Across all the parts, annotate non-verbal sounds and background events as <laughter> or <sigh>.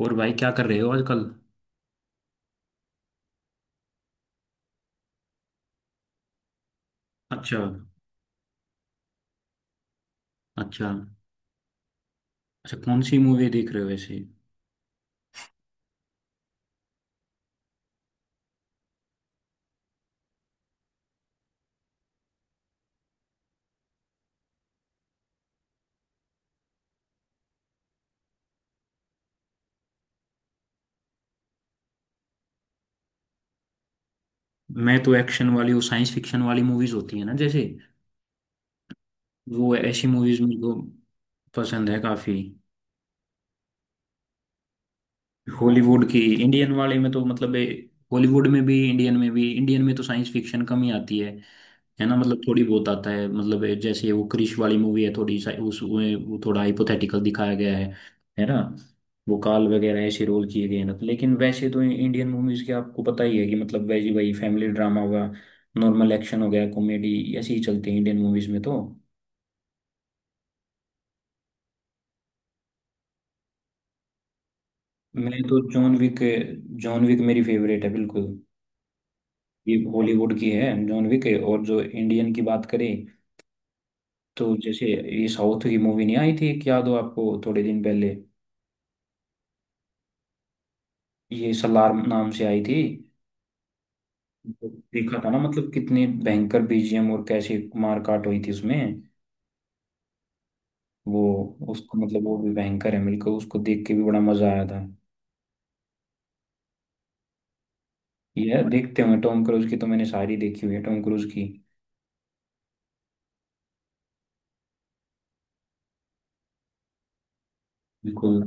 और भाई क्या कर रहे हो आजकल। अच्छा। अच्छा। अच्छा, कौन सी मूवी देख रहे हो वैसे। मैं तो एक्शन वाली, वो साइंस फिक्शन वाली मूवीज होती है ना, जैसे वो ऐसी मूवीज मेरे को पसंद है काफी। हॉलीवुड की। इंडियन वाले में तो मतलब हॉलीवुड में भी, इंडियन में भी। इंडियन में तो साइंस फिक्शन कम ही आती है ना। मतलब थोड़ी बहुत आता है, मतलब ये जैसे वो क्रिश वाली मूवी है, थोड़ी सा उसमें वो थोड़ा हाइपोथेटिकल दिखाया गया है ना। वो काल वगैरह ऐसे रोल किए गए हैं ना, तो लेकिन वैसे तो इंडियन मूवीज के आपको पता ही है कि मतलब वैसे वही फैमिली ड्रामा हुआ, नॉर्मल एक्शन हो गया, कॉमेडी, ऐसे ही चलते हैं इंडियन मूवीज में तो। मैं तो जॉन विक, जॉन विक मेरी फेवरेट है बिल्कुल। ये हॉलीवुड की है, जॉन विक है। और जो इंडियन की बात करें, तो जैसे ये साउथ की मूवी नहीं आई थी एक, याद हो आपको, थोड़े दिन पहले, ये सलार नाम से आई थी। तो देखा था ना, मतलब कितनी भयंकर बीजीएम और कैसी मारकाट हुई थी उसमें। वो उसको मतलब, वो भी भयंकर है मिलकर, उसको देख के भी बड़ा मजा आया था। ये देखते होंगे टॉम क्रूज की, तो मैंने सारी देखी हुई है टॉम क्रूज की। बिल्कुल।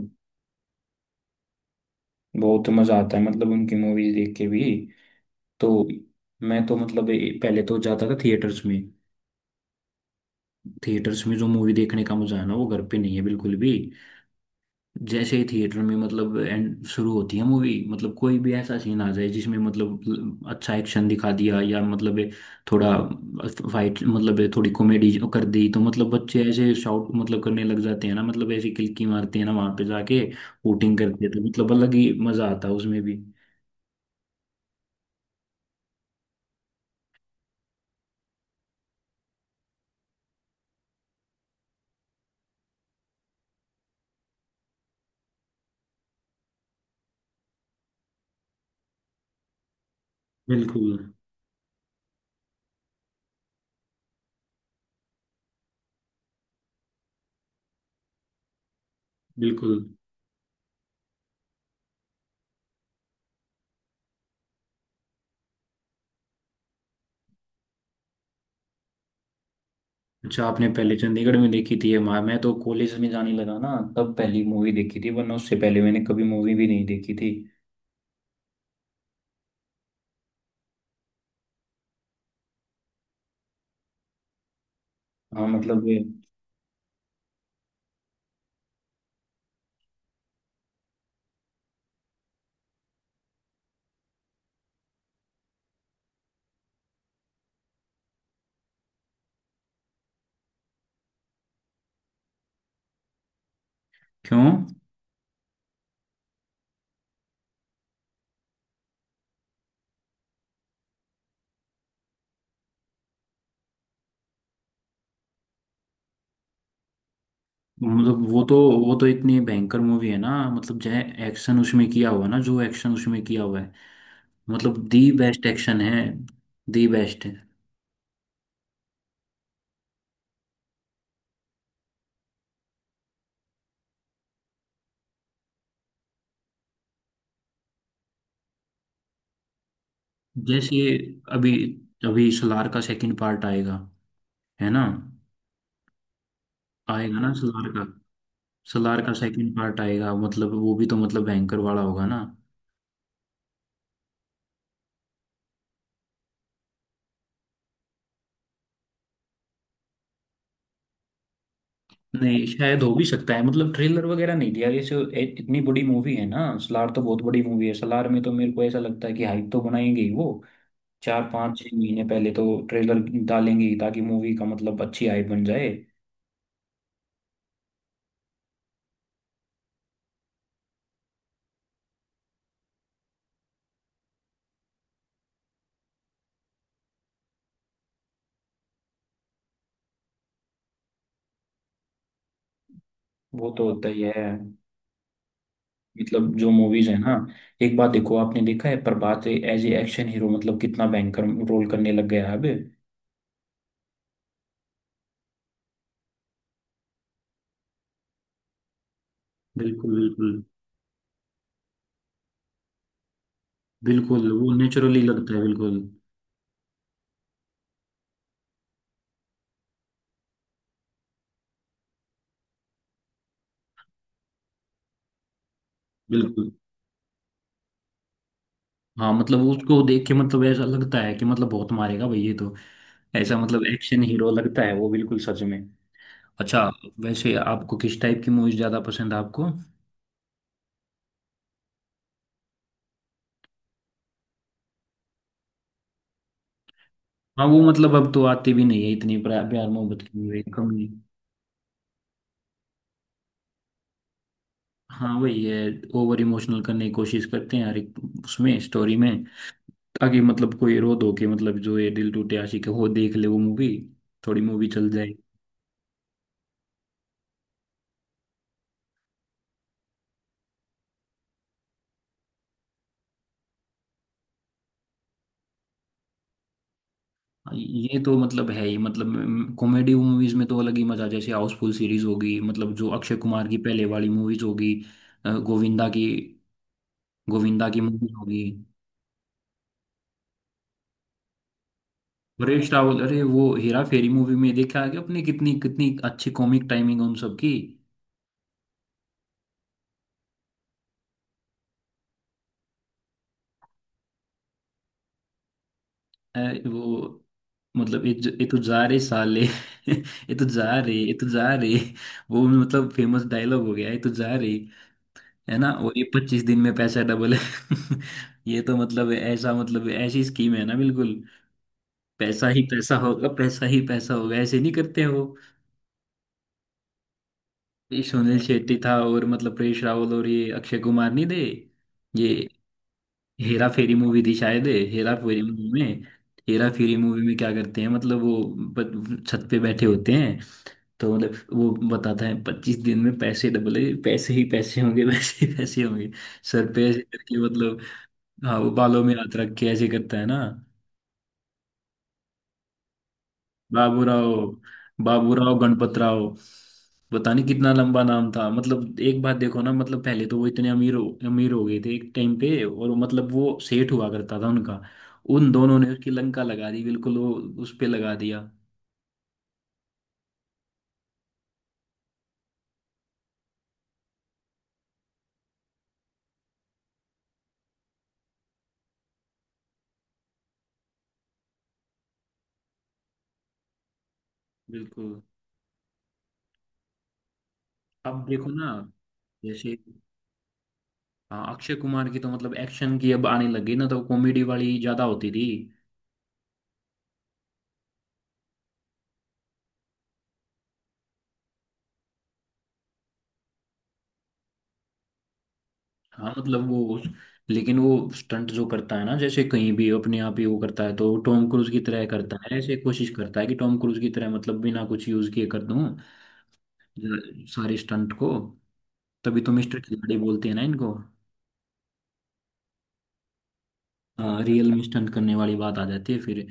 बहुत मजा आता है मतलब उनकी मूवीज देख के भी। तो मैं तो मतलब पहले तो जाता था थिएटर्स में। थिएटर्स में जो मूवी देखने का मजा है ना, वो घर पे नहीं है बिल्कुल भी। जैसे ही थिएटर में मतलब एंड शुरू होती है मूवी, मतलब कोई भी ऐसा सीन आ जाए जिसमें मतलब अच्छा एक्शन दिखा दिया, या मतलब ये थोड़ा फाइट, मतलब ये थोड़ी कॉमेडी कर दी, तो मतलब बच्चे ऐसे शाउट मतलब करने लग जाते हैं ना, मतलब ऐसी किल्की मारते हैं ना वहां पे जाके, वोटिंग करते हैं, तो मतलब अलग ही मजा आता है उसमें भी। बिल्कुल, बिल्कुल। अच्छा, आपने पहले चंडीगढ़ में देखी थी ये माँ? मैं तो कॉलेज में जाने लगा ना, तब पहली मूवी देखी थी, वरना उससे पहले मैंने कभी मूवी भी नहीं देखी थी। हाँ मतलब क्यों? मतलब वो तो इतनी भयंकर मूवी है ना, मतलब जो एक्शन उसमें किया हुआ है, मतलब दी बेस्ट एक्शन है। दी बेस्ट है। जैसे अभी अभी सलार का सेकंड पार्ट आएगा, है ना। आएगा ना सलार का। सलार का सेकंड पार्ट आएगा, मतलब वो भी तो मतलब भयंकर वाला होगा ना। नहीं शायद हो भी सकता है, मतलब ट्रेलर वगैरह नहीं दिया जैसे इतनी बड़ी मूवी है ना सलार तो, बहुत बड़ी मूवी है सलार में तो, मेरे को ऐसा लगता है कि हाइप तो बनाएंगे ही वो। 4 5 6 महीने पहले तो ट्रेलर डालेंगे ही, ताकि मूवी का मतलब अच्छी हाइप बन जाए। वो तो होता ही है। मतलब जो मूवीज है ना, एक बात देखो, आपने देखा है Prabhas as a action hero, मतलब कितना भयंकर रोल करने लग गया है अब। बिल्कुल, बिल्कुल। बिल्कुल वो नेचुरली लगता है, बिल्कुल। बिल्कुल हाँ मतलब उसको देख के मतलब ऐसा लगता है कि मतलब बहुत मारेगा भाई ये तो। ऐसा मतलब एक्शन हीरो लगता है वो बिल्कुल, सच में। अच्छा, वैसे आपको किस टाइप की मूवीज ज्यादा पसंद है आपको? हाँ वो मतलब अब तो आती भी नहीं है इतनी प्यार मोहब्बत की, वही कम नहीं। हाँ वही है। ओवर इमोशनल करने की कोशिश करते हैं हर एक उसमें स्टोरी में, ताकि मतलब कोई रो धो के मतलब जो ये दिल टूटे आशिक है वो देख ले वो मूवी, थोड़ी मूवी चल जाए। हाँ, ये तो मतलब है ही, मतलब कॉमेडी मूवीज में तो अलग ही मजा है। जैसे हाउसफुल सीरीज होगी, मतलब जो अक्षय कुमार की पहले वाली मूवीज होगी, अ, गोविंदा की गोविंदा की मूवीज होगी। परेश रावल, अरे वो हेरा फेरी मूवी में देखा है कि, अपने कितनी कितनी अच्छी कॉमिक टाइमिंग उन सब की। अ, वो, मतलब ये ये तो जा रे साले <laughs> ये तो जा रे, ये तो जा रे, वो मतलब फेमस डायलॉग हो गया, ये तो जा रे, है ना। और ये 25 दिन में पैसा डबल है <laughs> ये तो मतलब ऐसा, मतलब ऐसी स्कीम है ना बिल्कुल। पैसा ही पैसा होगा, पैसा ही पैसा होगा, ऐसे नहीं करते हैं वो। ये सुनील शेट्टी था और मतलब परेश रावल, और ये अक्षय कुमार नहीं थे। ये हेरा फेरी मूवी थी शायद। हेरा फेरी मूवी में हेरा फेरी मूवी में क्या करते हैं मतलब वो, छत पे बैठे होते हैं, तो मतलब वो बताता है 25 दिन में पैसे डबल है, पैसे ही पैसे होंगे <laughs> वैसे ही पैसे होंगे, सर पे ऐसे करके मतलब। हाँ वो बालों में हाथ रख के ऐसे करता है ना। बाबूराव, बाबूराव गणपतराव, पता नहीं कितना लंबा नाम था। मतलब एक बात देखो ना, मतलब पहले तो वो इतने अमीर हो गए थे एक टाइम पे, और मतलब वो सेठ हुआ करता था उनका, उन दोनों ने उसकी लंका लगा दी बिल्कुल। वो उस पे लगा दिया। बिल्कुल। अब देखो ना, जैसे हाँ, अक्षय कुमार की तो मतलब एक्शन की अब आने लगी ना, तो कॉमेडी वाली ज्यादा होती थी। हाँ मतलब वो, लेकिन वो स्टंट जो करता है ना, जैसे कहीं भी अपने आप ही वो करता है, तो टॉम क्रूज की तरह करता है, ऐसे कोशिश करता है कि टॉम क्रूज की तरह मतलब बिना कुछ यूज किए कर दूं सारे स्टंट को, तभी तो मिस्टर खिलाड़ी बोलते हैं ना इनको। हाँ रियल में स्टंट करने वाली बात आ जाती है फिर।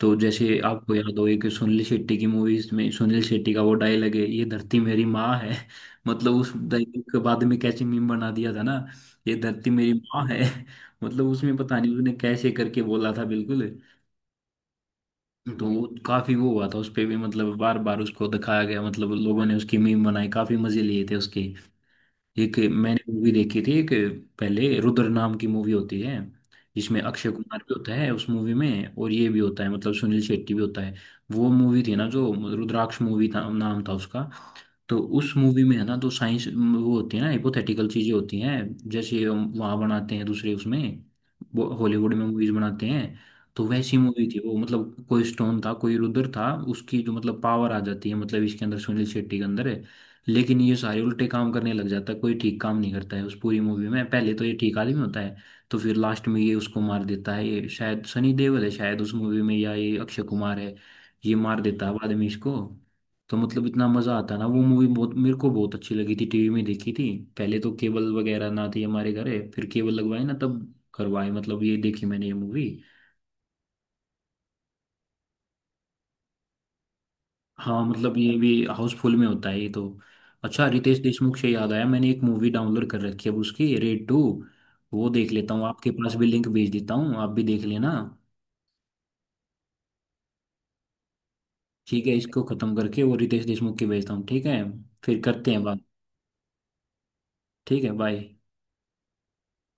तो जैसे आपको याद हो, एक सुनील शेट्टी की मूवीज में सुनील शेट्टी का वो डायलॉग है, ये धरती मेरी माँ है <laughs> मतलब उस डायलॉग के बाद में कैसे मीम बना दिया था ना, ये धरती मेरी माँ है <laughs> मतलब उसमें पता नहीं उसने कैसे करके बोला था बिल्कुल। तो वो काफी वो हुआ था उस पे भी, मतलब बार बार उसको दिखाया गया, मतलब लोगों ने उसकी मीम बनाई, काफी मजे लिए थे उसके। एक मैंने मूवी देखी थी एक, पहले रुद्र नाम की मूवी होती है, जिसमें अक्षय कुमार भी होता है उस मूवी में, और ये भी होता है मतलब सुनील शेट्टी भी होता है। वो मूवी थी ना जो रुद्राक्ष, मूवी था नाम था उसका। तो उस मूवी में है ना, तो साइंस वो होती है ना हिपोथेटिकल चीजें होती हैं, जैसे हम वहाँ बनाते हैं दूसरे उसमें, वो हॉलीवुड में मूवीज बनाते हैं, तो वैसी मूवी थी वो। मतलब कोई स्टोन था कोई रुद्र था, उसकी जो मतलब पावर आ जाती है, मतलब इसके अंदर सुनील शेट्टी के अंदर है, लेकिन ये सारे उल्टे काम करने लग जाता है, कोई ठीक काम नहीं करता है उस पूरी मूवी में, पहले तो ये ठीक आदमी होता है, तो फिर लास्ट में ये उसको मार देता है, ये शायद सनी देओल है शायद उस मूवी में, या ये अक्षय कुमार है, ये मार देता है बाद में इसको। तो मतलब इतना मजा आता ना, वो मूवी बहुत मेरे को बहुत अच्छी लगी थी, टीवी में देखी थी। पहले तो केबल वगैरह ना थी हमारे घर, फिर केबल लगवाए ना तब करवाए मतलब, ये देखी मैंने ये मूवी। हाँ मतलब ये भी हाउसफुल में होता है ये तो। अच्छा रितेश देशमुख से याद आया, मैंने एक मूवी डाउनलोड कर रखी है अब, उसकी रेड टू, वो देख लेता हूँ, आपके पास भी लिंक भेज देता हूँ, आप भी देख लेना। ठीक है, इसको खत्म करके वो रितेश देशमुख की भेजता हूँ, ठीक है, फिर करते हैं बात। ठीक है, बाय।